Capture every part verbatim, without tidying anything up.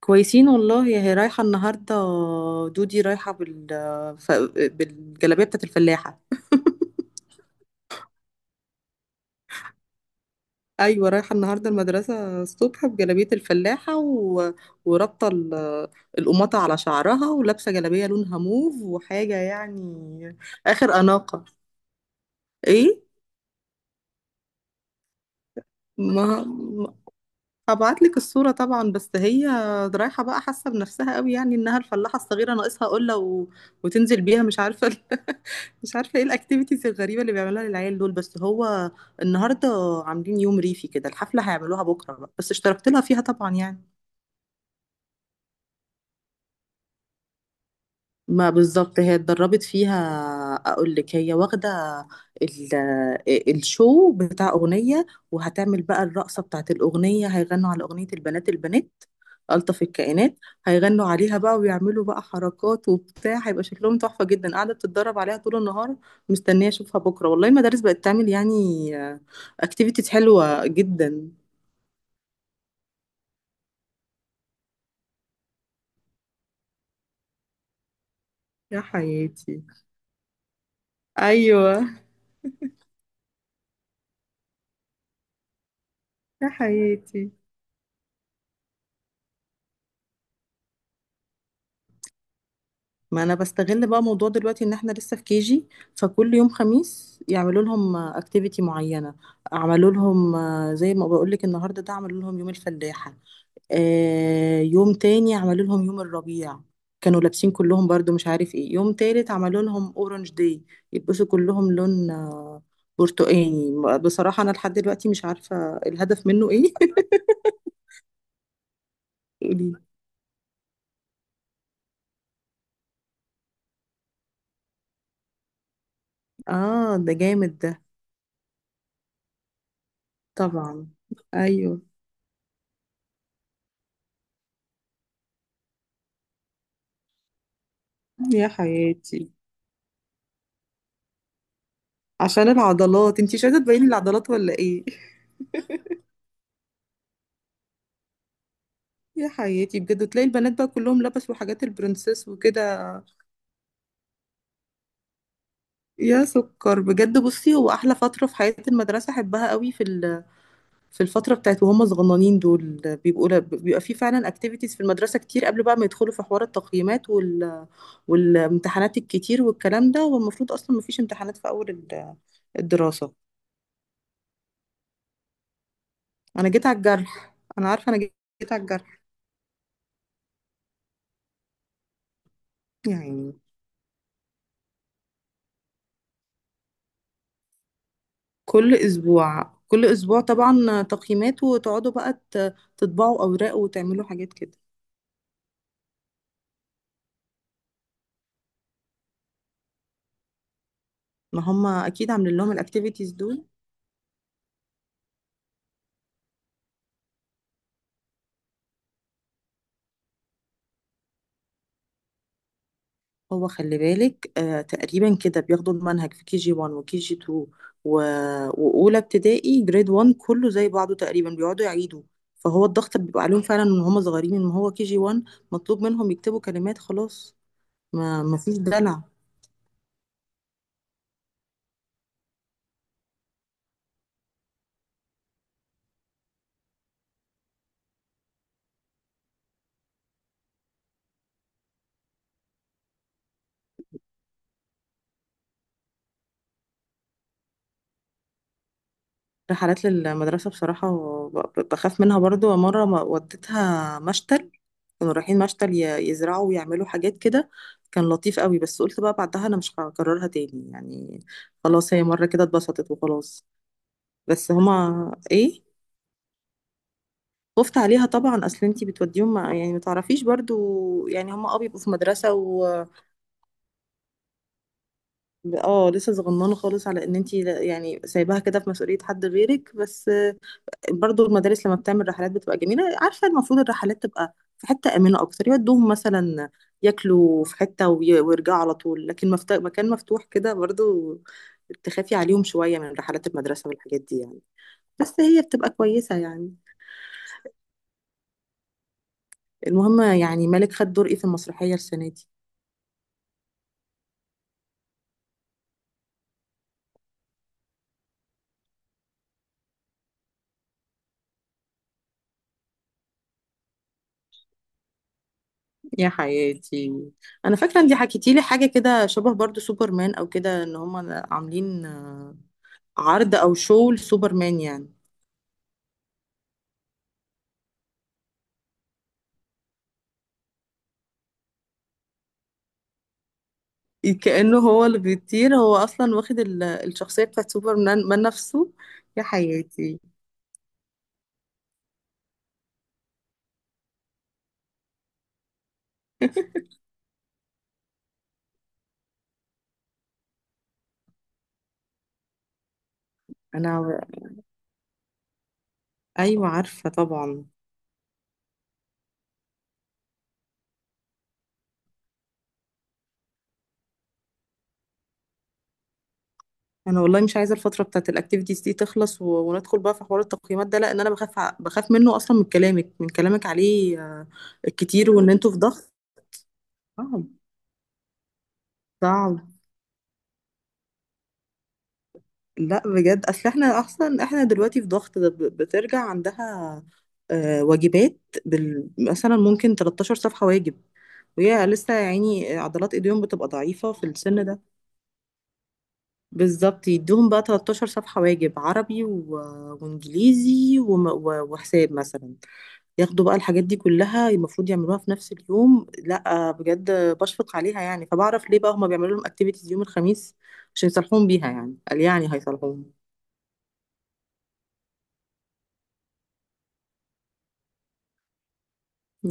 كويسين والله. هي رايحة النهاردة. دودي رايحة بال... ف... بالجلابية بتاعت الفلاحة. أيوة، رايحة النهاردة المدرسة الصبح بجلابية الفلاحة و... ورابطة ال... القماطة على شعرها ولابسة جلابية لونها موف وحاجة يعني. آخر أناقة. إيه؟ ما هبعت لك الصورة طبعا. بس هي رايحة بقى، حاسة بنفسها قوي يعني انها الفلاحة الصغيرة، ناقصها قلة و... وتنزل بيها. مش عارفة ال... مش عارفة ايه الاكتيفيتيز الغريبة اللي بيعملوها للعيال دول. بس هو النهاردة عاملين يوم ريفي كده. الحفلة هيعملوها بكرة بقى، بس اشتركت لها فيها طبعا يعني. ما بالظبط، هي اتدربت فيها. اقول لك، هي واخده ال- آه، الشو بتاع اغنيه. وهتعمل بقى الرقصه بتاعت الاغنيه. هيغنوا على اغنيه البنات، البنات الطف الكائنات. هيغنوا عليها بقى، ويعملوا بقى حركات وبتاع. هيبقى شكلهم تحفه جدا. قاعده بتتدرب عليها طول النهار. مستنيه اشوفها بكره والله. المدارس بقت تعمل يعني اكتيفيتيز حلوه جدا. يا حياتي. ايوه. يا حياتي. ما انا بستغل بقى موضوع دلوقتي ان احنا لسه في كيجي، فكل يوم خميس يعملوا لهم اكتيفيتي معينه. عملوا لهم آه، زي ما بقول لك النهارده ده عملوا لهم يوم الفلاحه. آه، يوم تاني عملوا لهم يوم الربيع. كانوا لابسين كلهم برضو مش عارف ايه. يوم تالت عملوا لهم اورنج داي، يلبسوا كلهم لون آه، برتقاني. بصراحه انا لحد دلوقتي مش عارفه الهدف منه ايه. قولي. اه، ده جامد ده. طبعا. ايوه. يا حياتي. عشان العضلات، انتي مش عايزه تبيني العضلات ولا ايه؟ يا حياتي بجد. تلاقي البنات بقى كلهم لبسوا حاجات البرنسيس وكده. يا سكر بجد. بصي، هو احلى فتره في حياه المدرسه، احبها قوي في ال- في الفتره بتاعت وهم صغننين دول. بيبقوا ل- بيبقى في فعلا اكتيفيتيز في المدرسه كتير قبل بقى ما يدخلوا في حوار التقييمات وال والامتحانات الكتير والكلام ده. والمفروض اصلا ما فيش امتحانات في اول ال- الدراسه. انا جيت على الجرح. انا عارفه. انا جيت على الجرح يعني. كل اسبوع. كل اسبوع طبعا تقييمات، وتقعدوا بقى ت- تطبعوا اوراق وتعملوا حاجات كده. ما هم اكيد عاملين لهم الاكتيفيتيز دول. هو خلي بالك، آه تقريبا كده بياخدوا المنهج في كي جي واحد وكي جي اتنين و- واولى ابتدائي جريد واحد كله زي بعضه تقريبا، بيقعدوا يعيدوا. فهو الضغط بيبقى عليهم فعلا من هم صغيرين، ان هو كي جي واحد مطلوب منهم يكتبوا كلمات خلاص. ما ما فيش دلع. رحلات للمدرسة بصراحة ب- بخاف منها برضو. مرة ما- وديتها مشتل. كانوا رايحين مشتل ي- يزرعوا ويعملوا حاجات كده. كان لطيف قوي. بس قلت بقى بعدها أنا مش هكررها تاني يعني. خلاص، هي مرة كده اتبسطت وخلاص. بس هما إيه. خفت عليها طبعا. أصل أنتي بتوديهم مع يعني ما تعرفيش برضو يعني. هما أه بيبقوا في مدرسة و اه، لسه صغننة خالص. على إن أنتي لا- يعني سايباها كده في مسؤولية حد غيرك، بس برضو المدارس لما بتعمل رحلات بتبقى جميلة. عارفة، المفروض الرحلات تبقى في حتة آمنة أكتر. يودوهم مثلا ياكلوا في حتة وي- ويرجعوا على طول. لكن مفت... مكان مفتوح كده برضو تخافي عليهم شوية من رحلات المدرسة والحاجات دي يعني. بس هي بتبقى كويسة يعني. المهم يعني، مالك خد دور ايه في المسرحية السنة دي؟ يا حياتي. انا فاكره ان دي حكيتي لي حاجه كده شبه برضو سوبرمان او كده، ان هم عاملين آه، عرض او شو لسوبرمان يعني. كأنه هو اللي بيطير. هو أصلا واخد ال- الشخصية بتاعت سوبرمان من نفسه. يا حياتي. أنا. أيوة عارفة طبعا. أنا والله مش عايزة الفترة بتاعت الأكتيفيتيز دي تخلص و... وندخل بقى في حوار التقييمات ده. لأن أنا بخاف ع- بخاف منه أصلا من كلامك من كلامك عليه آه، الكتير، وإن أنتوا في ضغط. صعب. صعب. لا بجد. أصل إحنا أصلا إحنا دلوقتي في ضغط ده، ب- بترجع عندها آه، واجبات. بال... مثلا ممكن تلتاشر صفحة واجب. ويا لسه يا عيني عضلات ايديهم بتبقى ضعيفة في السن ده. بالظبط، يدوهم بقى ثلاث عشرة صفحة واجب عربي و... وانجليزي وم... و... وحساب مثلا. ياخدوا بقى الحاجات دي كلها المفروض يعملوها في نفس اليوم. لا بجد، بشفق عليها يعني. فبعرف ليه بقى هما بيعملوا لهم اكتيفيتيز يوم الخميس، عشان يصلحوهم بيها يعني. قال يعني هيصلحوهم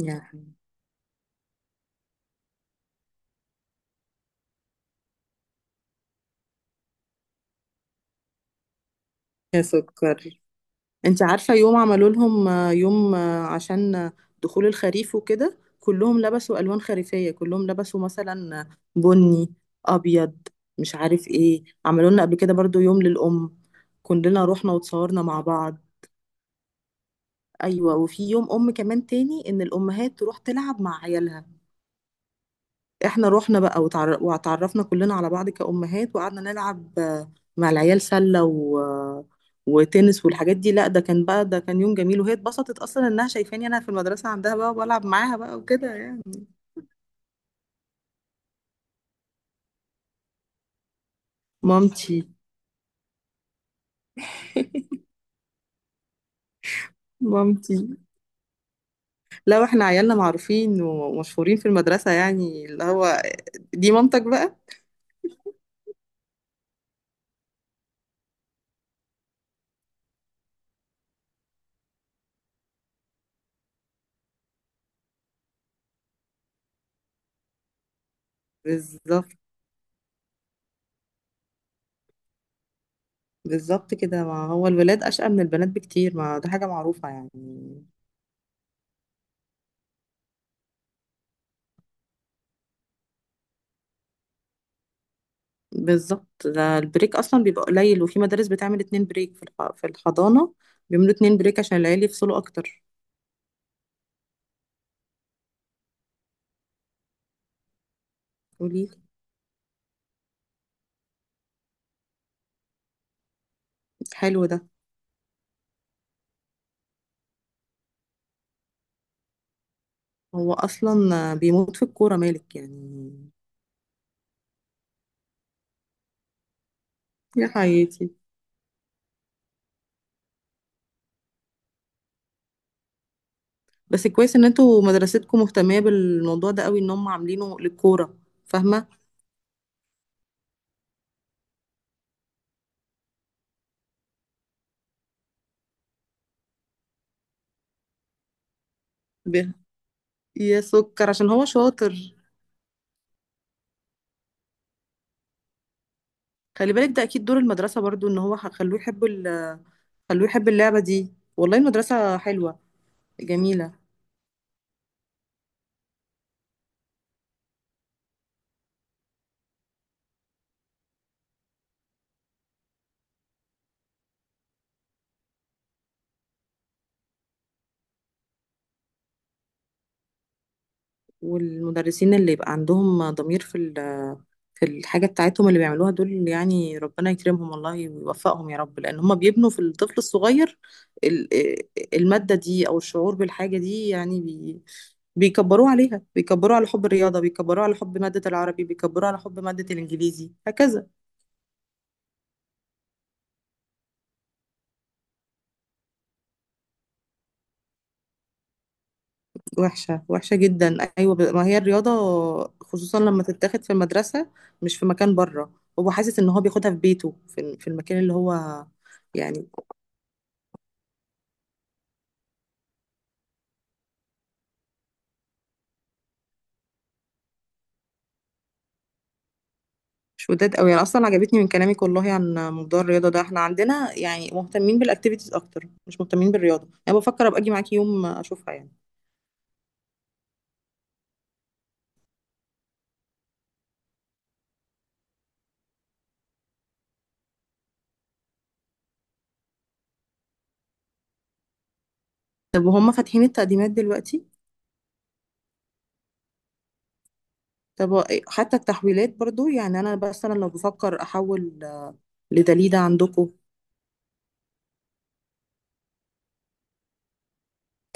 يعني. يا سكر. انت عارفة يوم عملوا لهم آه، يوم آه، عشان آه، دخول الخريف وكده. كلهم لبسوا ألوان خريفية، كلهم لبسوا مثلا بني، أبيض، مش عارف ايه. عملوا لنا قبل كده برضو يوم للأم. كلنا رحنا وتصورنا مع بعض. أيوة. وفي يوم أم كمان تاني إن الأمهات تروح تلعب مع عيالها. احنا رحنا بقى وتعر- واتعرفنا كلنا على بعض كأمهات، وقعدنا نلعب مع العيال سلة و... وتنس والحاجات دي. لا، ده كان بقى، ده كان يوم جميل. وهي اتبسطت اصلا انها شايفاني انا في المدرسة عندها بقى، وبلعب معاها بقى وكده يعني. مامتي. مامتي. لا، احنا عيالنا معروفين ومشهورين في المدرسة يعني اللي هو، دي مامتك بقى. بالظبط. بالظبط كده، ما هو الولاد أشقى من البنات بكتير، ما ده حاجة معروفة يعني. بالظبط، ده البريك أصلا بيبقى قليل. وفي مدارس بتعمل اتنين بريك في الح- في الحضانة. بيعملوا اتنين بريك عشان العيال يفصلوا أكتر. قولي. حلو ده. هو اصلا بيموت في الكوره مالك يعني. يا حياتي. بس كويس ان انتوا مدرستكم مهتمه بالموضوع ده قوي، ان هم عاملينه للكوره. فاهمه. ب- يا سكر، عشان هو شاطر. خلي بالك ده اكيد دور المدرسه برضو، ان هو خلوه يحب ال- خلوه يحب اللعبه دي. والله المدرسه حلوه. جميله. والمدرسين اللي يبقى عندهم ضمير في ال- في الحاجة بتاعتهم اللي بيعملوها دول يعني، ربنا يكرمهم والله ويوفقهم يا رب. لأن هم بيبنوا في الطفل الصغير ال- المادة دي أو الشعور بالحاجة دي يعني، بي بيكبروه عليها. بيكبروه على حب الرياضة، بيكبروه على حب مادة العربي، بيكبروه على حب مادة الإنجليزي، هكذا. وحشة. وحشة جدا. أيوة. ب- ما هي الرياضة خصوصا لما تتاخد في المدرسة، مش في مكان بره. هو حاسس إن هو بياخدها في بيته، في في المكان اللي هو يعني. مش وداد قوي، انا اصلا عجبتني من كلامك والله عن موضوع الرياضه ده. احنا عندنا يعني مهتمين بالاكتيفيتيز اكتر، مش مهتمين بالرياضه. انا بفكر ابقى اجي معاكي يوم اشوفها يعني. طب وهم فاتحين التقديمات دلوقتي؟ طب حتى التحويلات برضو يعني، انا مثلا لو بفكر احول لدليده عندكم.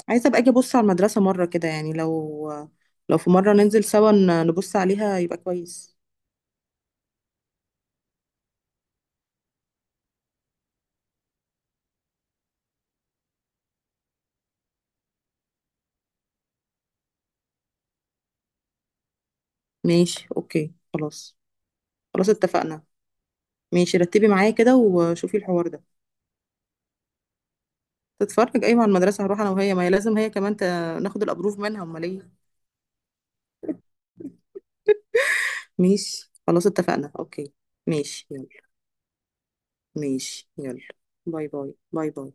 عايزه ابقى اجي ابص على المدرسه مره كده يعني، لو لو في مره ننزل سوا ن- نبص عليها يبقى كويس. ماشي، اوكي. خلاص. خلاص اتفقنا. ماشي، رتبي معايا كده وشوفي الحوار ده. تتفرج، ايوه، على المدرسه. هروح انا وهي، ما هي لازم هي كمان ت... ناخد الابروف منها، امال ايه. ماشي، خلاص اتفقنا، اوكي. ماشي، يلا. ماشي، يلا. باي باي. باي باي.